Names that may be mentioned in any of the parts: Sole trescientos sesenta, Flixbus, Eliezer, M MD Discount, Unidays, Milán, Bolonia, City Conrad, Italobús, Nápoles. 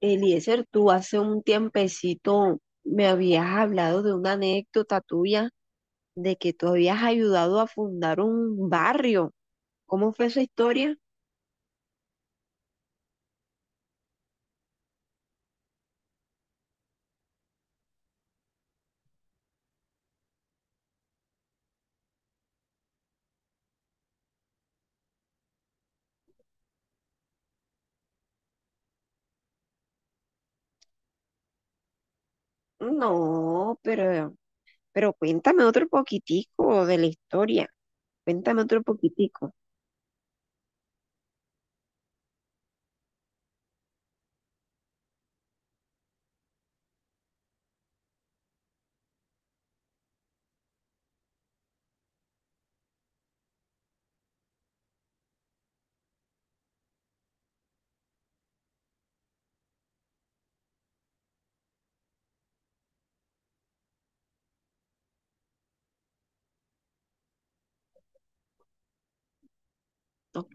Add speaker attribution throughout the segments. Speaker 1: Eliezer, tú hace un tiempecito me habías hablado de una anécdota tuya de que tú habías ayudado a fundar un barrio. ¿Cómo fue esa historia? No, pero cuéntame otro poquitico de la historia. Cuéntame otro poquitico. Ok.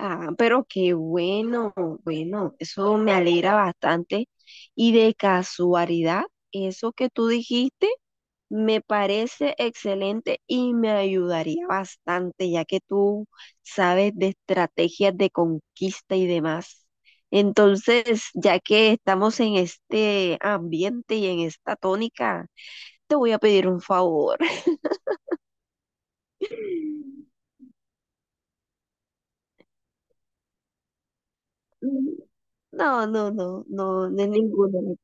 Speaker 1: Ah, pero qué bueno, bueno, eso me alegra bastante. Y de casualidad, eso que tú dijiste me parece excelente y me ayudaría bastante, ya que tú sabes de estrategias de conquista y demás. Entonces, ya que estamos en este ambiente y en esta tónica, te voy a pedir un favor. No, no, no, no, no es ninguno.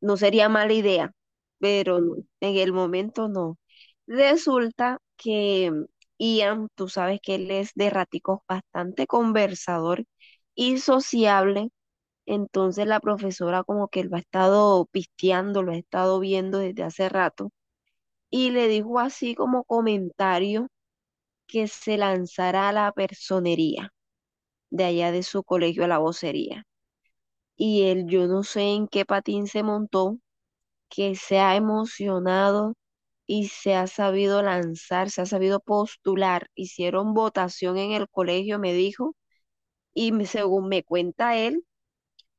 Speaker 1: No sería mala idea, pero no, en el momento no. Resulta que Ian, tú sabes que él es de raticos bastante conversador y sociable, entonces la profesora como que lo ha estado pisteando, lo ha estado viendo desde hace rato y le dijo así como comentario que se lanzara a la personería de allá de su colegio a la vocería. Y él, yo no sé en qué patín se montó, que se ha emocionado y se ha sabido lanzar, se ha sabido postular. Hicieron votación en el colegio, me dijo, y según me cuenta él,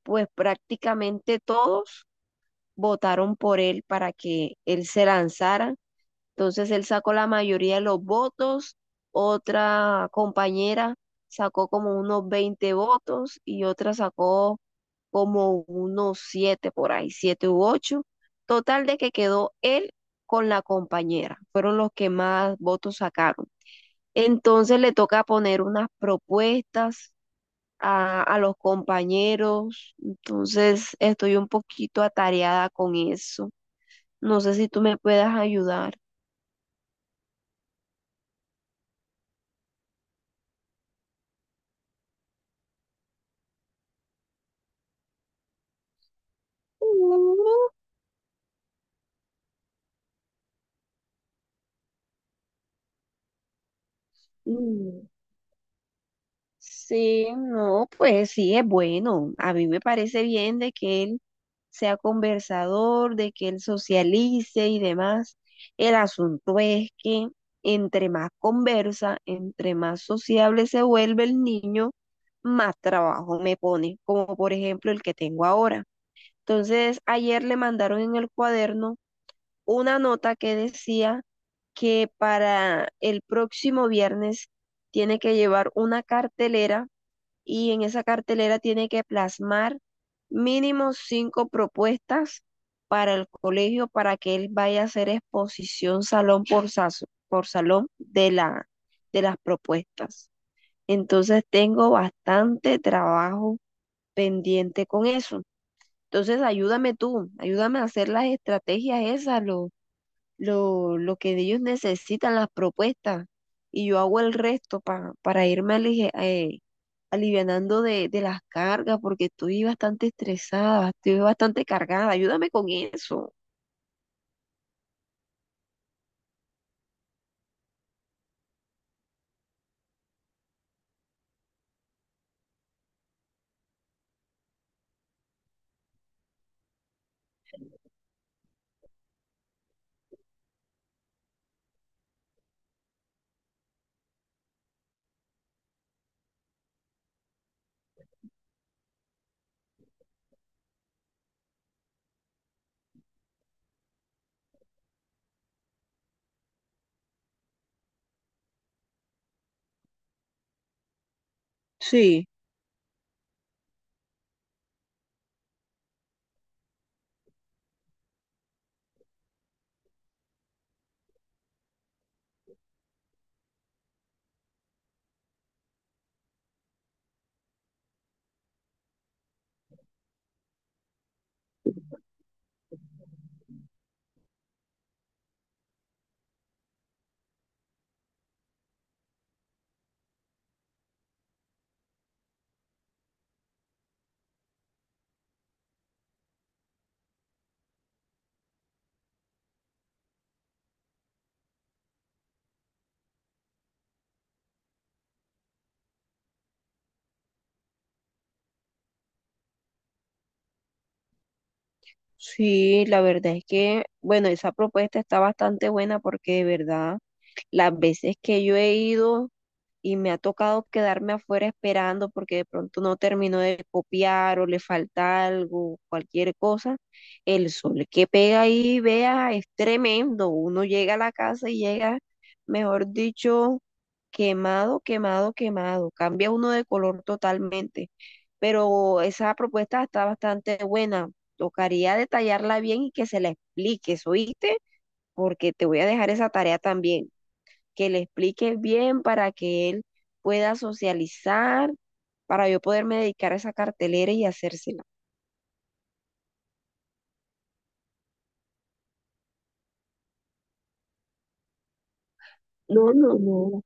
Speaker 1: pues prácticamente todos votaron por él para que él se lanzara, entonces él sacó la mayoría de los votos, otra compañera sacó como unos 20 votos y otra sacó como unos 7 por ahí, 7 u ocho. Total de que quedó él con la compañera, fueron los que más votos sacaron. Entonces le toca poner unas propuestas a los compañeros, entonces estoy un poquito atareada con eso. No sé si tú me puedas ayudar. Mm, sí, no, pues sí, es bueno. A mí me parece bien de que él sea conversador, de que él socialice y demás. El asunto es que entre más conversa, entre más sociable se vuelve el niño, más trabajo me pone, como por ejemplo el que tengo ahora. Entonces, ayer le mandaron en el cuaderno una nota que decía que para el próximo viernes tiene que llevar una cartelera y en esa cartelera tiene que plasmar mínimo cinco propuestas para el colegio para que él vaya a hacer exposición salón por, por salón de la, de las propuestas. Entonces tengo bastante trabajo pendiente con eso. Entonces ayúdame tú, ayúdame a hacer las estrategias esas, lo que ellos necesitan, las propuestas, y yo hago el resto para irme alivianando de las cargas, porque estoy bastante estresada, estoy bastante cargada, ayúdame con eso. Sí, sí, la verdad es que, bueno, esa propuesta está bastante buena porque de verdad, las veces que yo he ido y me ha tocado quedarme afuera esperando porque de pronto no terminó de copiar o le falta algo, cualquier cosa. El sol que pega ahí, vea, es tremendo. Uno llega a la casa y llega, mejor dicho, quemado, quemado, quemado. Cambia uno de color totalmente. Pero esa propuesta está bastante buena. Tocaría detallarla bien y que se la expliques, ¿oíste? Porque te voy a dejar esa tarea también, que le explique bien para que él pueda socializar, para yo poderme dedicar a esa cartelera y hacérsela. No, no, no.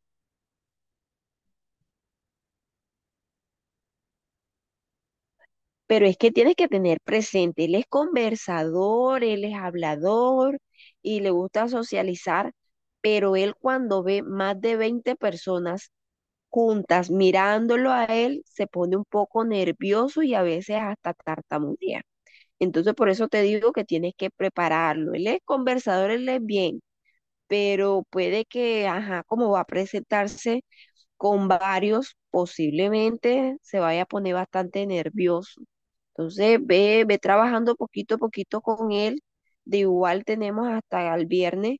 Speaker 1: Pero es que tienes que tener presente, él es conversador, él es hablador y le gusta socializar, pero él cuando ve más de 20 personas juntas mirándolo a él, se pone un poco nervioso y a veces hasta tartamudea. Entonces por eso te digo que tienes que prepararlo. Él es conversador, él es bien, pero puede que, ajá, como va a presentarse con varios, posiblemente se vaya a poner bastante nervioso. Entonces, ve trabajando poquito a poquito con él. De igual tenemos hasta el viernes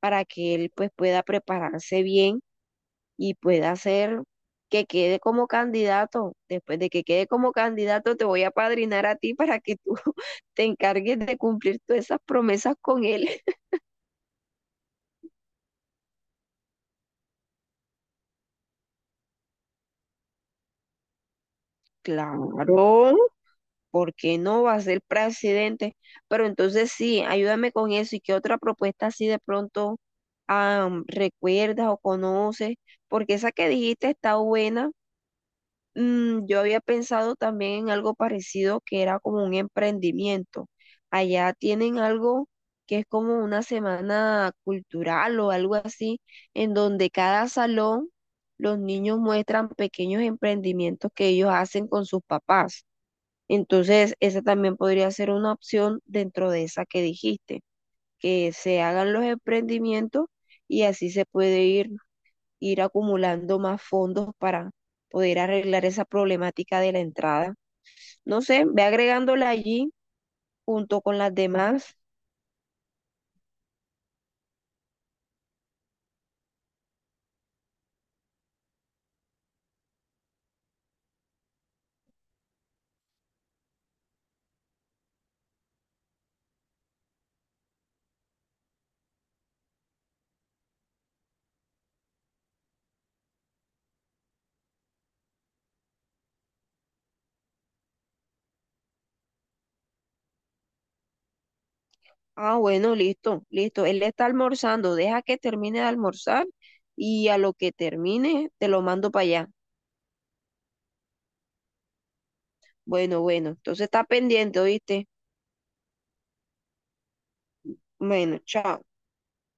Speaker 1: para que él pues pueda prepararse bien y pueda hacer que quede como candidato. Después de que quede como candidato, te voy a padrinar a ti para que tú te encargues de cumplir todas esas promesas con él. Claro. Porque no va a ser presidente. Pero entonces sí, ayúdame con eso. ¿Y qué otra propuesta así de pronto ah, recuerdas o conoces? Porque esa que dijiste está buena. Mm, yo había pensado también en algo parecido que era como un emprendimiento. Allá tienen algo que es como una semana cultural o algo así, en donde cada salón los niños muestran pequeños emprendimientos que ellos hacen con sus papás. Entonces, esa también podría ser una opción dentro de esa que dijiste, que se hagan los emprendimientos y así se puede ir acumulando más fondos para poder arreglar esa problemática de la entrada. No sé, ve agregándola allí junto con las demás. Ah, bueno, listo, listo. Él está almorzando, deja que termine de almorzar y a lo que termine te lo mando para allá. Bueno, bueno, entonces está pendiente, ¿oíste? Bueno, chao.